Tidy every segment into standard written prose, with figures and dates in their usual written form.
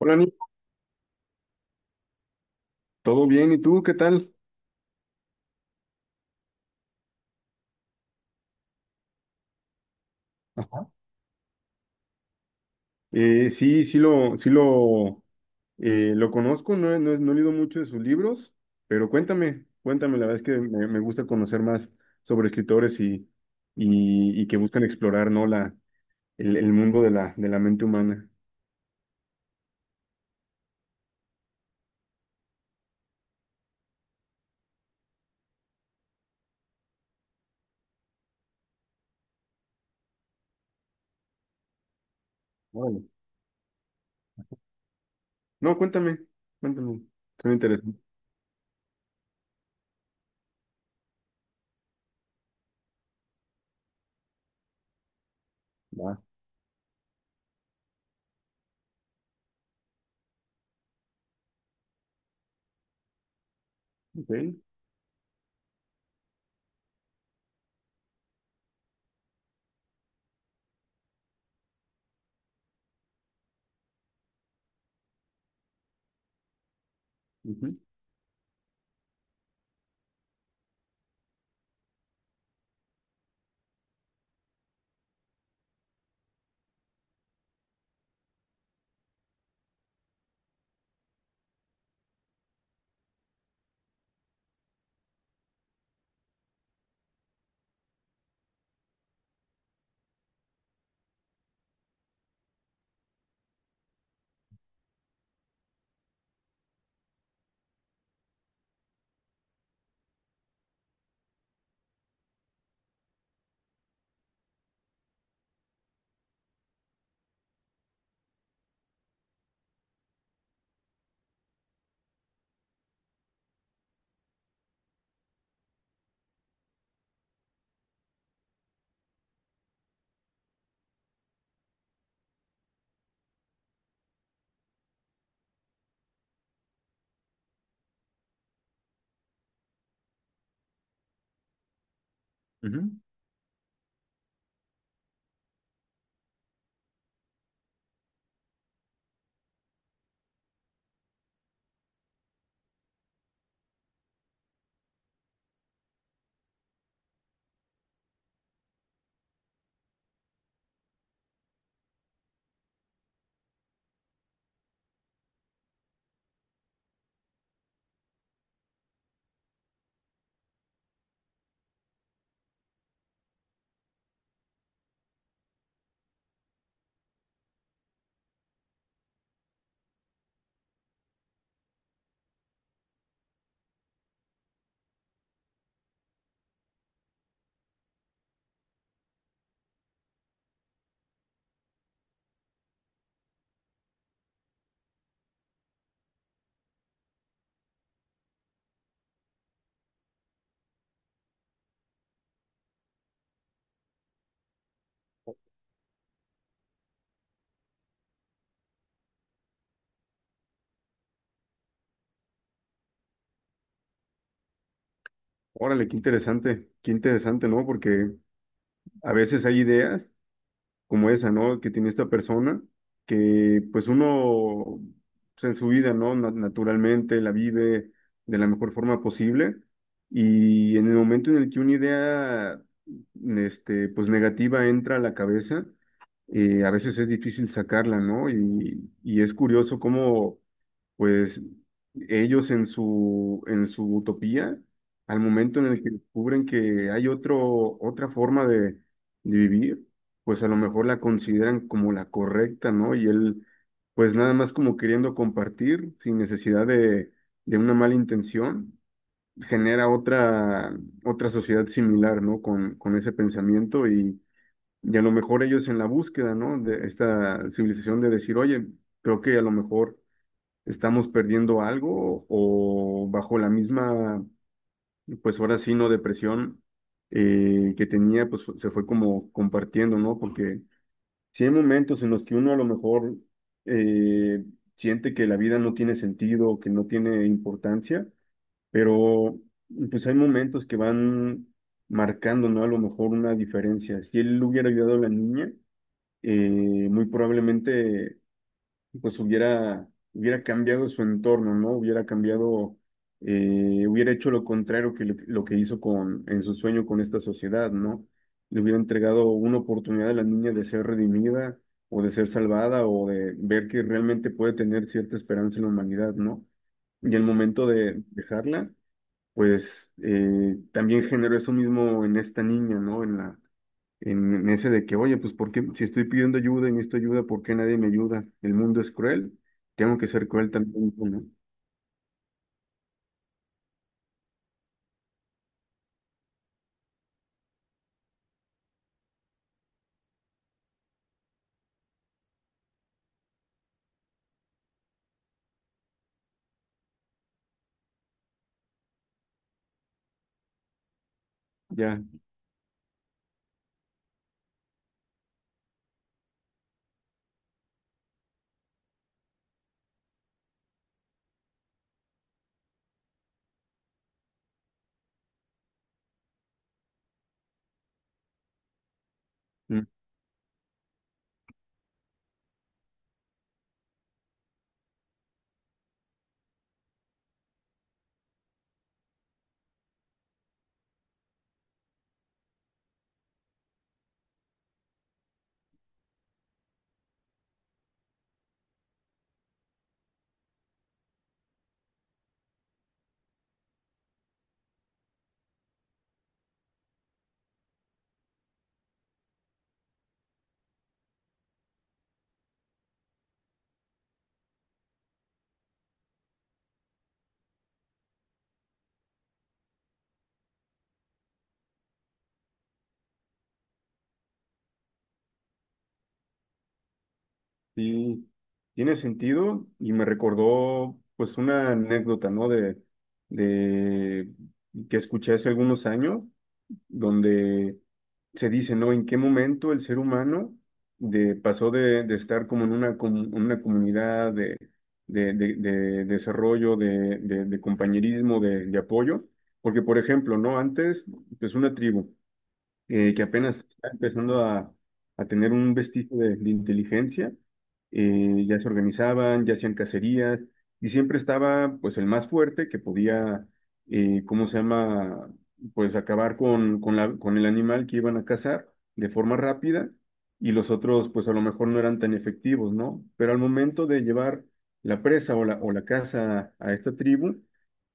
Hola Nico, ¿todo bien? ¿Y tú qué tal? Ajá. Sí, lo conozco. No, he leído mucho de sus libros, pero cuéntame, la verdad es que me gusta conocer más sobre escritores y que buscan explorar, ¿no? El mundo de de la mente humana. Órale. No, cuéntame, suena interesante. Va, ok, ujú, ujú. Órale, qué interesante, ¿no? Porque a veces hay ideas como esa, ¿no? Que tiene esta persona, que pues uno pues, en su vida, ¿no? Naturalmente la vive de la mejor forma posible, y en el momento en el que una idea, este, pues negativa entra a la cabeza, a veces es difícil sacarla, ¿no? Y es curioso cómo, pues, ellos en en su utopía, al momento en el que descubren que hay otra forma de vivir, pues a lo mejor la consideran como la correcta, ¿no? Y él, pues nada más como queriendo compartir, sin necesidad de una mala intención, genera otra sociedad similar, ¿no? Con ese pensamiento, y a lo mejor ellos en la búsqueda, ¿no? De esta civilización, de decir, oye, creo que a lo mejor estamos perdiendo algo, o bajo la misma, pues ahora sí, no depresión que tenía, pues se fue como compartiendo, ¿no? Porque si hay momentos en los que uno a lo mejor, eh, siente que la vida no tiene sentido, que no tiene importancia, pero pues hay momentos que van marcando, ¿no? A lo mejor una diferencia. Si él hubiera ayudado a la niña, muy probablemente pues hubiera cambiado su entorno, ¿no? Hubiera cambiado, hubiera hecho lo contrario que lo que hizo con, en su sueño, con esta sociedad, ¿no? Le hubiera entregado una oportunidad a la niña de ser redimida, o de ser salvada, o de ver que realmente puede tener cierta esperanza en la humanidad, ¿no? Y el momento de dejarla, pues también generó eso mismo en esta niña, ¿no? En ese de que, oye, pues ¿por qué si estoy pidiendo ayuda y necesito ayuda, ¿por qué nadie me ayuda? El mundo es cruel, tengo que ser cruel también, ¿no? Ya, mm, sí, tiene sentido, y me recordó pues una anécdota, ¿no? De que escuché hace algunos años, donde se dice, ¿no? ¿En qué momento el ser humano pasó de estar como en una, una comunidad de desarrollo, de compañerismo, de apoyo? Porque, por ejemplo, ¿no? Antes, pues una tribu, que apenas está empezando a tener un vestigio de inteligencia, ya se organizaban, ya hacían cacerías, y siempre estaba pues el más fuerte que podía, ¿cómo se llama? Pues acabar con con el animal que iban a cazar de forma rápida, y los otros pues a lo mejor no eran tan efectivos, ¿no? Pero al momento de llevar la presa, o o la caza a esta tribu,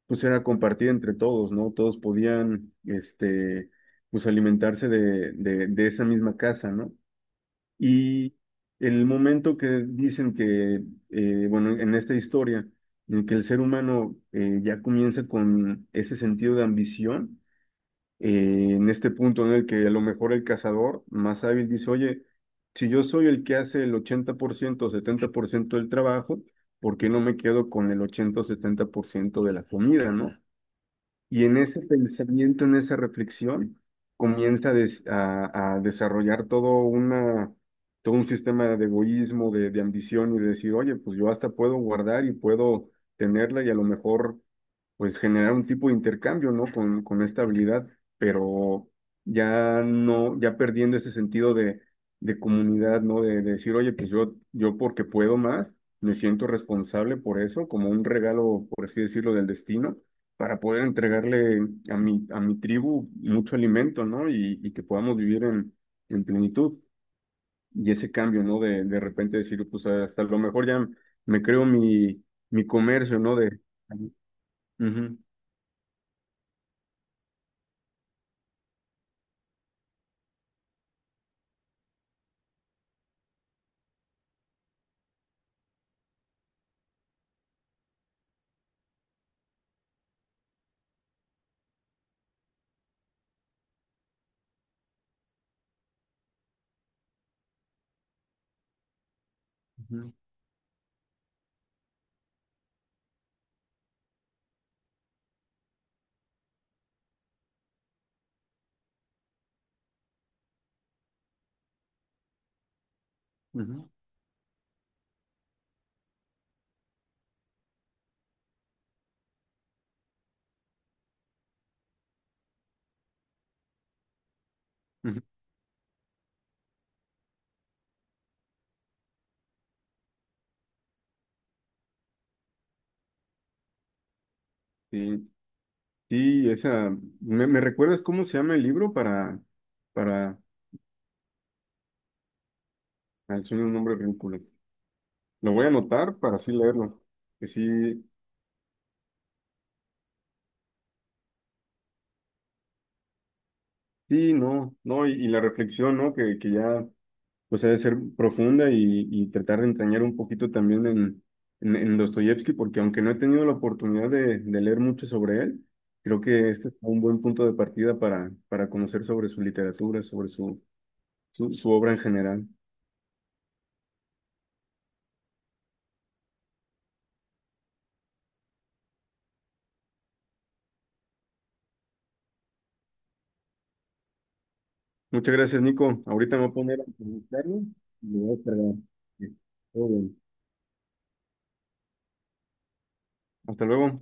pues era compartida entre todos, ¿no? Todos podían, este, pues alimentarse de esa misma casa, ¿no? Y el momento que dicen que, bueno, en esta historia, en que el ser humano, ya comienza con ese sentido de ambición, en este punto en el que a lo mejor el cazador más hábil dice, oye, si yo soy el que hace el 80% o 70% del trabajo, ¿por qué no me quedo con el 80 o 70% de la comida, ¿no? Y en ese pensamiento, en esa reflexión, comienza a, a desarrollar todo, una, todo un sistema de egoísmo, de ambición, y de decir, oye, pues yo hasta puedo guardar y puedo tenerla, y a lo mejor pues generar un tipo de intercambio, ¿no? Con esta habilidad, pero ya no, ya perdiendo ese sentido de comunidad, ¿no? De decir, oye, pues yo porque puedo más, me siento responsable por eso, como un regalo, por así decirlo, del destino, para poder entregarle a mi tribu mucho alimento, ¿no? Y que podamos vivir en plenitud. Y ese cambio, ¿no? De repente decir, pues hasta lo mejor ya me creo mi, mi comercio, ¿no? De... Ujú, ujú, ujú, ujú. Sí, sí, esa... Me recuerdas cómo se llama el libro para... al sueño de un hombre ridículo? Lo voy a anotar para así leerlo. Que sí, sí, no, y la reflexión, ¿no? Que ya... pues ha de ser profunda, y tratar de entrañar un poquito también en Dostoyevsky, porque aunque no he tenido la oportunidad de leer mucho sobre él, creo que este es un buen punto de partida para conocer sobre su literatura, sobre su obra en general. Muchas gracias, Nico. Ahorita me voy a poner a buscarlo y lo voy a descargar. Sí, todo bien. Hasta luego.